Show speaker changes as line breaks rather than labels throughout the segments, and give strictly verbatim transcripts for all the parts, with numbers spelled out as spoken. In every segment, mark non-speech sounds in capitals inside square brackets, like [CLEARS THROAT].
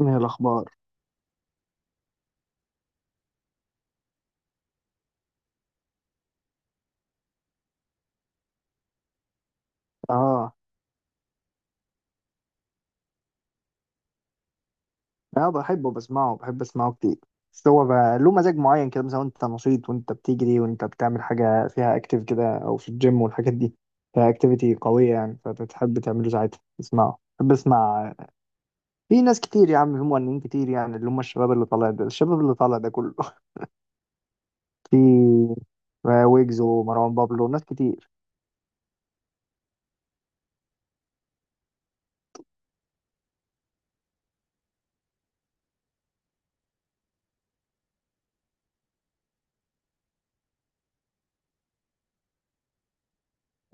ايه الاخبار؟ اه انا بحبه، بسمعه، بحب اسمعه كتير. بس هو بقى له مزاج معين كده، مثلا وانت نشيط، وانت بتجري، وانت بتعمل حاجه فيها اكتيف كده، او في الجيم والحاجات دي، فيها اكتيفيتي قويه يعني، فبتحب تعمله ساعتها، اسمعه بحب اسمع. في ناس كتير يا عم، في مغنيين كتير يعني، اللي هم الشباب اللي طالع ده، الشباب اللي طالع ده كله [LAUGHS] في ويجز ومروان بابلو وناس كتير.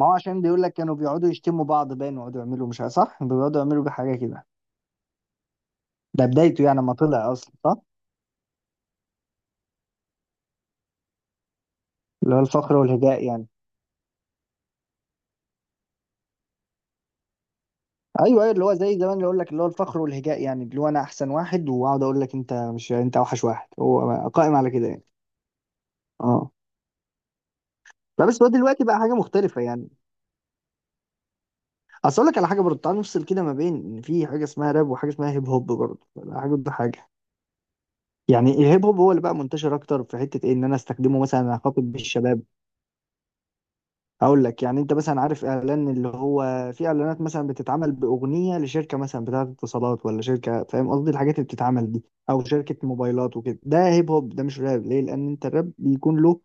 ما هو عشان بيقول لك كانوا بيقعدوا يشتموا بعض باين، ويقعدوا يعملوا مش عارف- صح، بيقعدوا يعملوا بيه حاجه كده. ده بدايته يعني، ما طلع اصلا، صح. اللي هو الفخر والهجاء يعني. ايوه، ايوه، اللي هو زي زمان، اللي اقول لك اللي هو الفخر والهجاء يعني، اللي هو انا احسن واحد واقعد اقول لك انت مش، انت اوحش واحد، هو قائم على كده يعني. اه. لا بس هو دلوقتي بقى حاجه مختلفه يعني. اصل اقول لك على حاجه برضه، تعال نفصل كده ما بين ان في حاجه اسمها راب وحاجه اسمها هيب هوب برضه، حاجه ضد حاجه يعني. الهيب هوب هو اللي بقى منتشر اكتر في حته ايه، ان انا استخدمه مثلا اخاطب بالشباب. هقول لك، يعني انت مثلا عارف اعلان اللي هو، في اعلانات مثلا بتتعمل باغنيه لشركه مثلا بتاعه اتصالات، ولا شركه، فاهم قصدي الحاجات اللي بتتعمل دي، او شركه موبايلات وكده، ده هيب هوب، ده مش راب، ليه؟ لان انت الراب بيكون له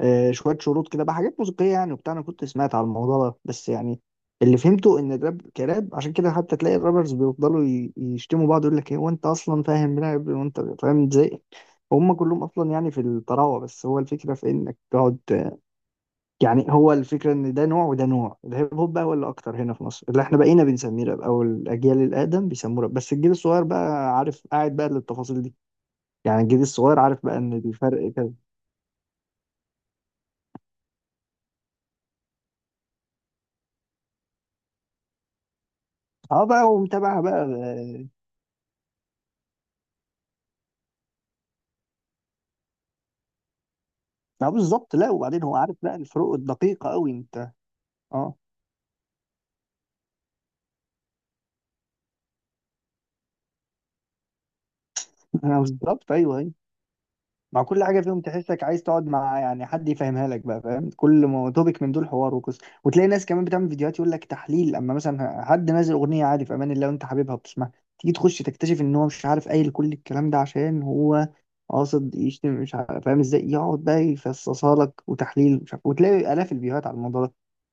آه، شويه شروط كده بقى، حاجات موسيقيه يعني وبتاع. انا كنت سمعت على الموضوع ده بس يعني، اللي فهمته ان الراب كراب عشان كده حتى تلاقي الرابرز بيفضلوا ي- يشتموا بعض، يقول لك ايه وانت اصلا فاهم راب، وانت فاهم ازاي، هم كلهم اصلا يعني في الطراوه، بس هو الفكره في انك تقعد. يعني هو الفكرة ان ده نوع وده نوع. الهيب هوب بقى هو اللي اكتر هنا في مصر، اللي احنا بقينا بنسميه راب، او الاجيال الادم بيسموه راب، بس الجيل الصغير بقى عارف، قاعد بقى للتفاصيل دي، يعني الجيل الصغير عارف بقى ان الفرق كذا. اه بقى، ومتابع بقى، اه. آه، بالظبط، لا وبعدين هو عارف بقى الفروق الدقيقة قوي انت. اه. [LAUGHS] آه، بالظبط، ايوه، أيوه. مع كل حاجه فيهم تحسك عايز تقعد مع يعني حد يفهمها لك بقى، فاهم؟ كل ما توبيك من دول حوار وقصه. وتلاقي ناس كمان بتعمل فيديوهات يقول لك تحليل، اما مثلا حد نازل اغنيه عادي في امان الله وانت حبيبها بتسمعها، تيجي تخش تكتشف ان هو مش عارف، قايل كل الكلام ده عشان هو قاصد يشتم مش عارف، فاهم ازاي؟ يقعد بقى يفصصها لك وتحليل مش عارف، وتلاقي الاف الفيديوهات على الموضوع ده.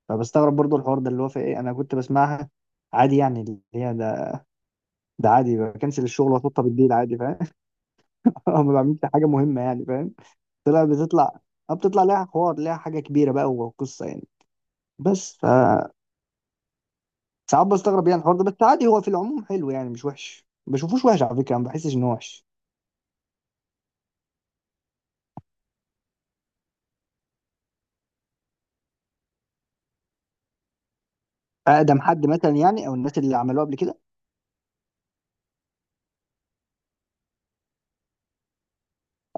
فبستغرب برضو الحوار ده، اللي هو في ايه، انا كنت بسمعها عادي يعني، اللي هي ده، ده عادي، بكنسل الشغل واتوطى بالليل عادي، فاهم؟ [LAUGHS] هم ما بعملش حاجه مهمه يعني، فاهم؟ طلع بتطلع، اه بتطلع ليها حوار، ليها حاجه كبيره بقى وقصه يعني. بس ف ساعات بستغرب يعني الحوار ده، بس عادي، هو في العموم حلو يعني، مش وحش، ما بشوفوش وحش على فكره، ما بحسش انه وحش. اقدم حد مثلا يعني، او الناس اللي عملوه قبل كده.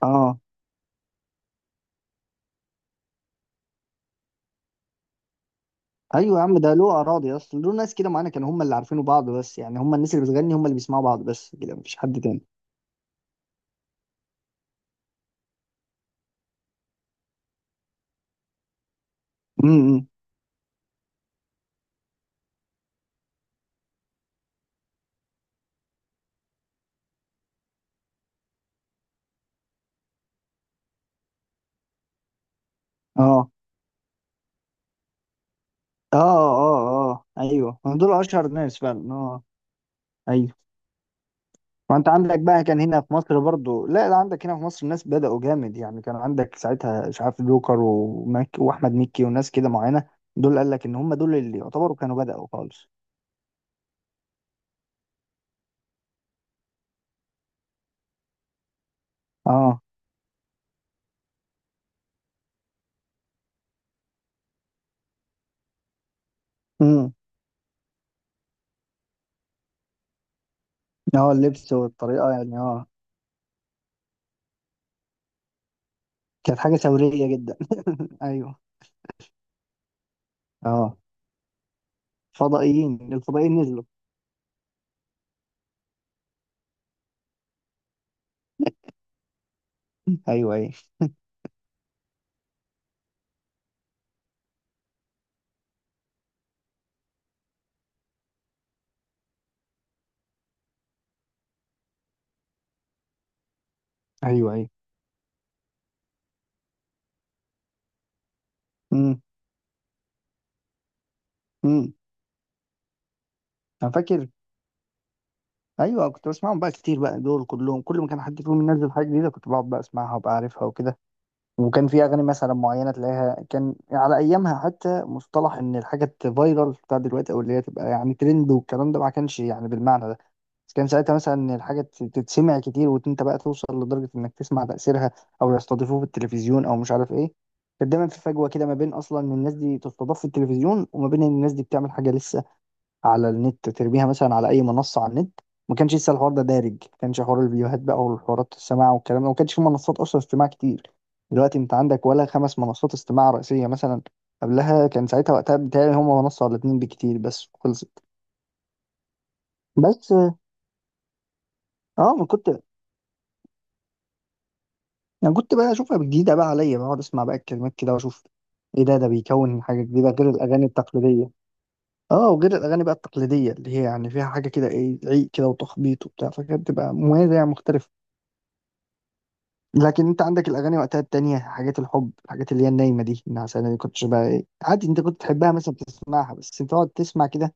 اه. ايوه يا عم، ده له اراضي اصلا، له ناس كده معانا كانوا هم اللي عارفينه، بعض بس، يعني هم الناس اللي بتغني هم اللي بيسمعوا بعض بس، كده مفيش حد تاني. امم، إمم. اه اه اه اه، ايوه هم دول اشهر ناس فعلا، اه، ايوه. وانت عندك بقى كان هنا في مصر برضو، لا لا، عندك هنا في مصر الناس بدأوا جامد يعني، كان عندك ساعتها مش عارف جوكر ومك، واحمد مكي، وناس كده معينة، دول قال لك ان هم دول اللي يعتبروا كانوا بدأوا خالص. اه. امم. اه، اللبس والطريقه يعني، اه. كانت حاجه ثوريه جدا. [LAUGHS] ايوه. اه، فضائيين، الفضائيين نزلوا. ايوه، ايوه. ايوه، ايوه. امم. امم. انا فاكر، ايوه، كنت بسمعهم بقى كتير بقى، دول كلهم كل ما كان حد فيهم ينزل حاجة جديدة كنت بقعد بقى اسمعها وابقى عارفها وكده. وكان في اغاني مثلا معينه تلاقيها كان على ايامها، حتى مصطلح ان الحاجه تفايرل بتاع دلوقتي، او اللي هي تبقى يعني ترند والكلام ده، ما كانش يعني بالمعنى ده، بس كان ساعتها مثلا ان الحاجه تت- تتسمع كتير، وانت بقى توصل لدرجه انك تسمع تاثيرها، او يستضيفوه في التلفزيون، او مش عارف ايه. كان دايما في فجوه كده، ما بين اصلا ان الناس دي تستضاف في التلفزيون، وما بين ان الناس دي بتعمل حاجه لسه على النت، ترميها مثلا على اي منصه على النت. ما كانش لسه الحوار ده دارج، ما كانش حوار الفيديوهات بقى والحوارات السماع والكلام ده، ما كانش في منصات اصلا استماع كتير. دلوقتي انت عندك ولا خمس منصات استماع رئيسيه مثلا، قبلها كان ساعتها وقتها بتهيألي هما منصه ولا اتنين بكتير، بس خلصت. بس. اه ما كنت، انا كنت بقى اشوفها جديده بقى عليا، بقعد اسمع بقى الكلمات كده واشوف ايه ده، ده بيكون حاجه جديده غير الاغاني التقليديه. اه، وغير الاغاني بقى التقليديه اللي هي يعني فيها حاجه كده ايه، عيق كده وتخبيط وبتاع، فكانت بتبقى مميزه يعني، مختلفه. لكن انت عندك الاغاني وقتها التانية حاجات الحب، الحاجات اللي هي النايمه دي، النعسانه دي، كنتش بقى ايه، عادي، انت كنت تحبها مثلا، بتسمعها بس انت تقعد تسمع كده،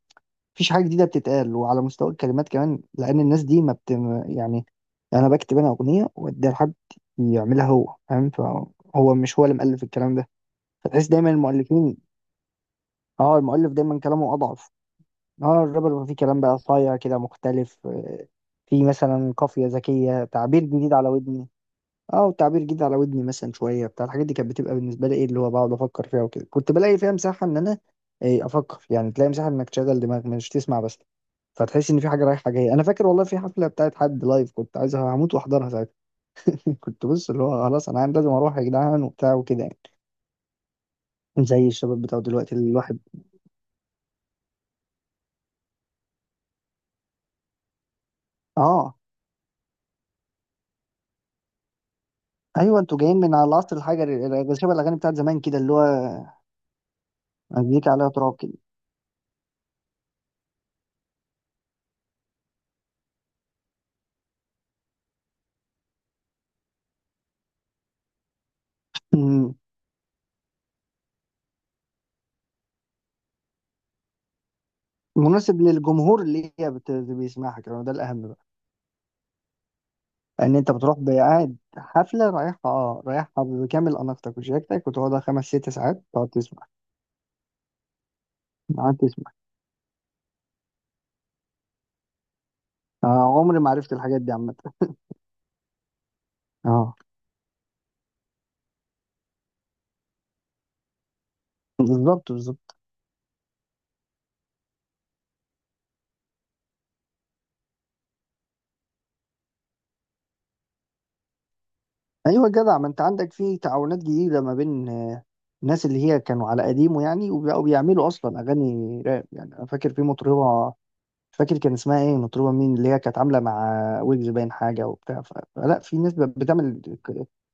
مفيش حاجه جديده بتتقال. وعلى مستوى الكلمات كمان، لان الناس دي ما بت، يعني انا بكتب انا اغنيه واديها لحد يعملها هو، فاهم؟ فهو مش هو اللي مؤلف الكلام ده. فتحس دايما المؤلفين، اه المؤلف دايما كلامه اضعف. اه، الرابر بيبقى فيه كلام بقى صايع كده، مختلف، آه، في مثلا قافيه ذكيه، تعبير جديد على ودني. اه، وتعبير جديد على ودني مثلا، شويه بتاع، الحاجات دي كانت بتبقى بالنسبه لي ايه، اللي هو بقعد افكر فيها وكده، كنت بلاقي فيها مساحه ان انا إيه افكر يعني، تلاقي مساحه انك تشغل دماغك، مش تسمع بس، فتحس ان في حاجه رايحه جايه. انا فاكر والله في حفله بتاعت حد لايف، كنت عايز هموت واحضرها ساعتها. [LAUGHS] كنت بص اللي هو خلاص انا لازم اروح يا جدعان، وبتاع وكده يعني، زي الشباب بتاع دلوقتي اللي الواحد، اه. ايوه انتوا جايين من على العصر الحجري ال- شبه الاغاني بتاعت زمان كده، اللي هو مزيكا عليها تراب كده. أمم. مناسب للجمهور اللي هي بت... بيسمعها كمان، ده الاهم. ان انت بتروح قاعد حفله رايحها اه، رايحها بكامل اناقتك وشياكتك، وتقعدها خمس ست ساعات تقعد تسمع، تقعد تسمع. آه عمري ما عرفت الحاجات دي عامه. اه. بالظبط، بالظبط. ايوه جدع ما انت عندك في تعاونات جديده ما بين، آه، الناس اللي هي كانوا على قديمه يعني وبقوا بيعملوا اصلا اغاني راب، يعني انا فاكر في مطربه، مش فاكر كان اسمها ايه، مطربه مين اللي هي كانت عامله مع ويجز باين حاجه وبتاع، ف- فلا في ناس بتعمل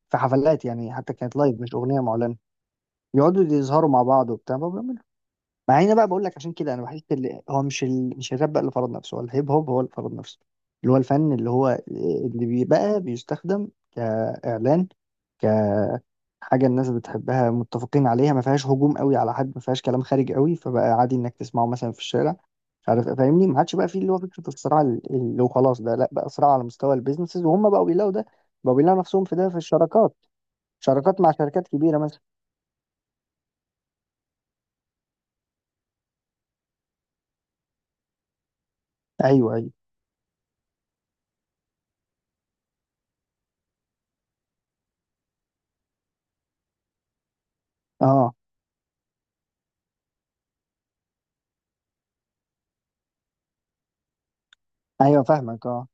في حفلات يعني، حتى كانت لايف مش اغنيه معلنه، يقعدوا يظهروا مع بعض وبتاع ما بيعملوا. مع ان بقى، بقول لك عشان كده انا بحس اللي هو مش ال... مش الراب بقى اللي فرض نفسه، هو الهيب هوب هو اللي فرض نفسه، اللي هو الفن اللي هو اللي بيبقى بيستخدم كاعلان، كحاجه الناس بتحبها، متفقين عليها، ما فيهاش هجوم قوي على حد، ما فيهاش كلام خارج قوي، فبقى عادي انك تسمعه مثلا في الشارع، مش عارف، فاهمني؟ ما عادش بقى فيه اللي هو فكره الصراع ال- اللي هو خلاص، ده لا بقى صراع على مستوى البيزنسز، وهم بقوا بيلاقوا ده، بقوا بيلاقوا نفسهم في ده، في الشراكات، شراكات مع شركات كبيره مثلا. ايوه، ايوه. اه ايوه فاهمك. اه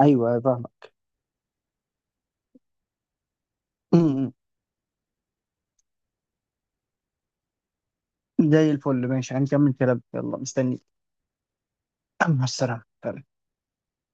ايوه، أيوة فاهمك. [CLEARS THROAT] زي الفل، ماشي، هنكمل كلام، يلا مستني. [CLEARS THROAT] مع السلامة.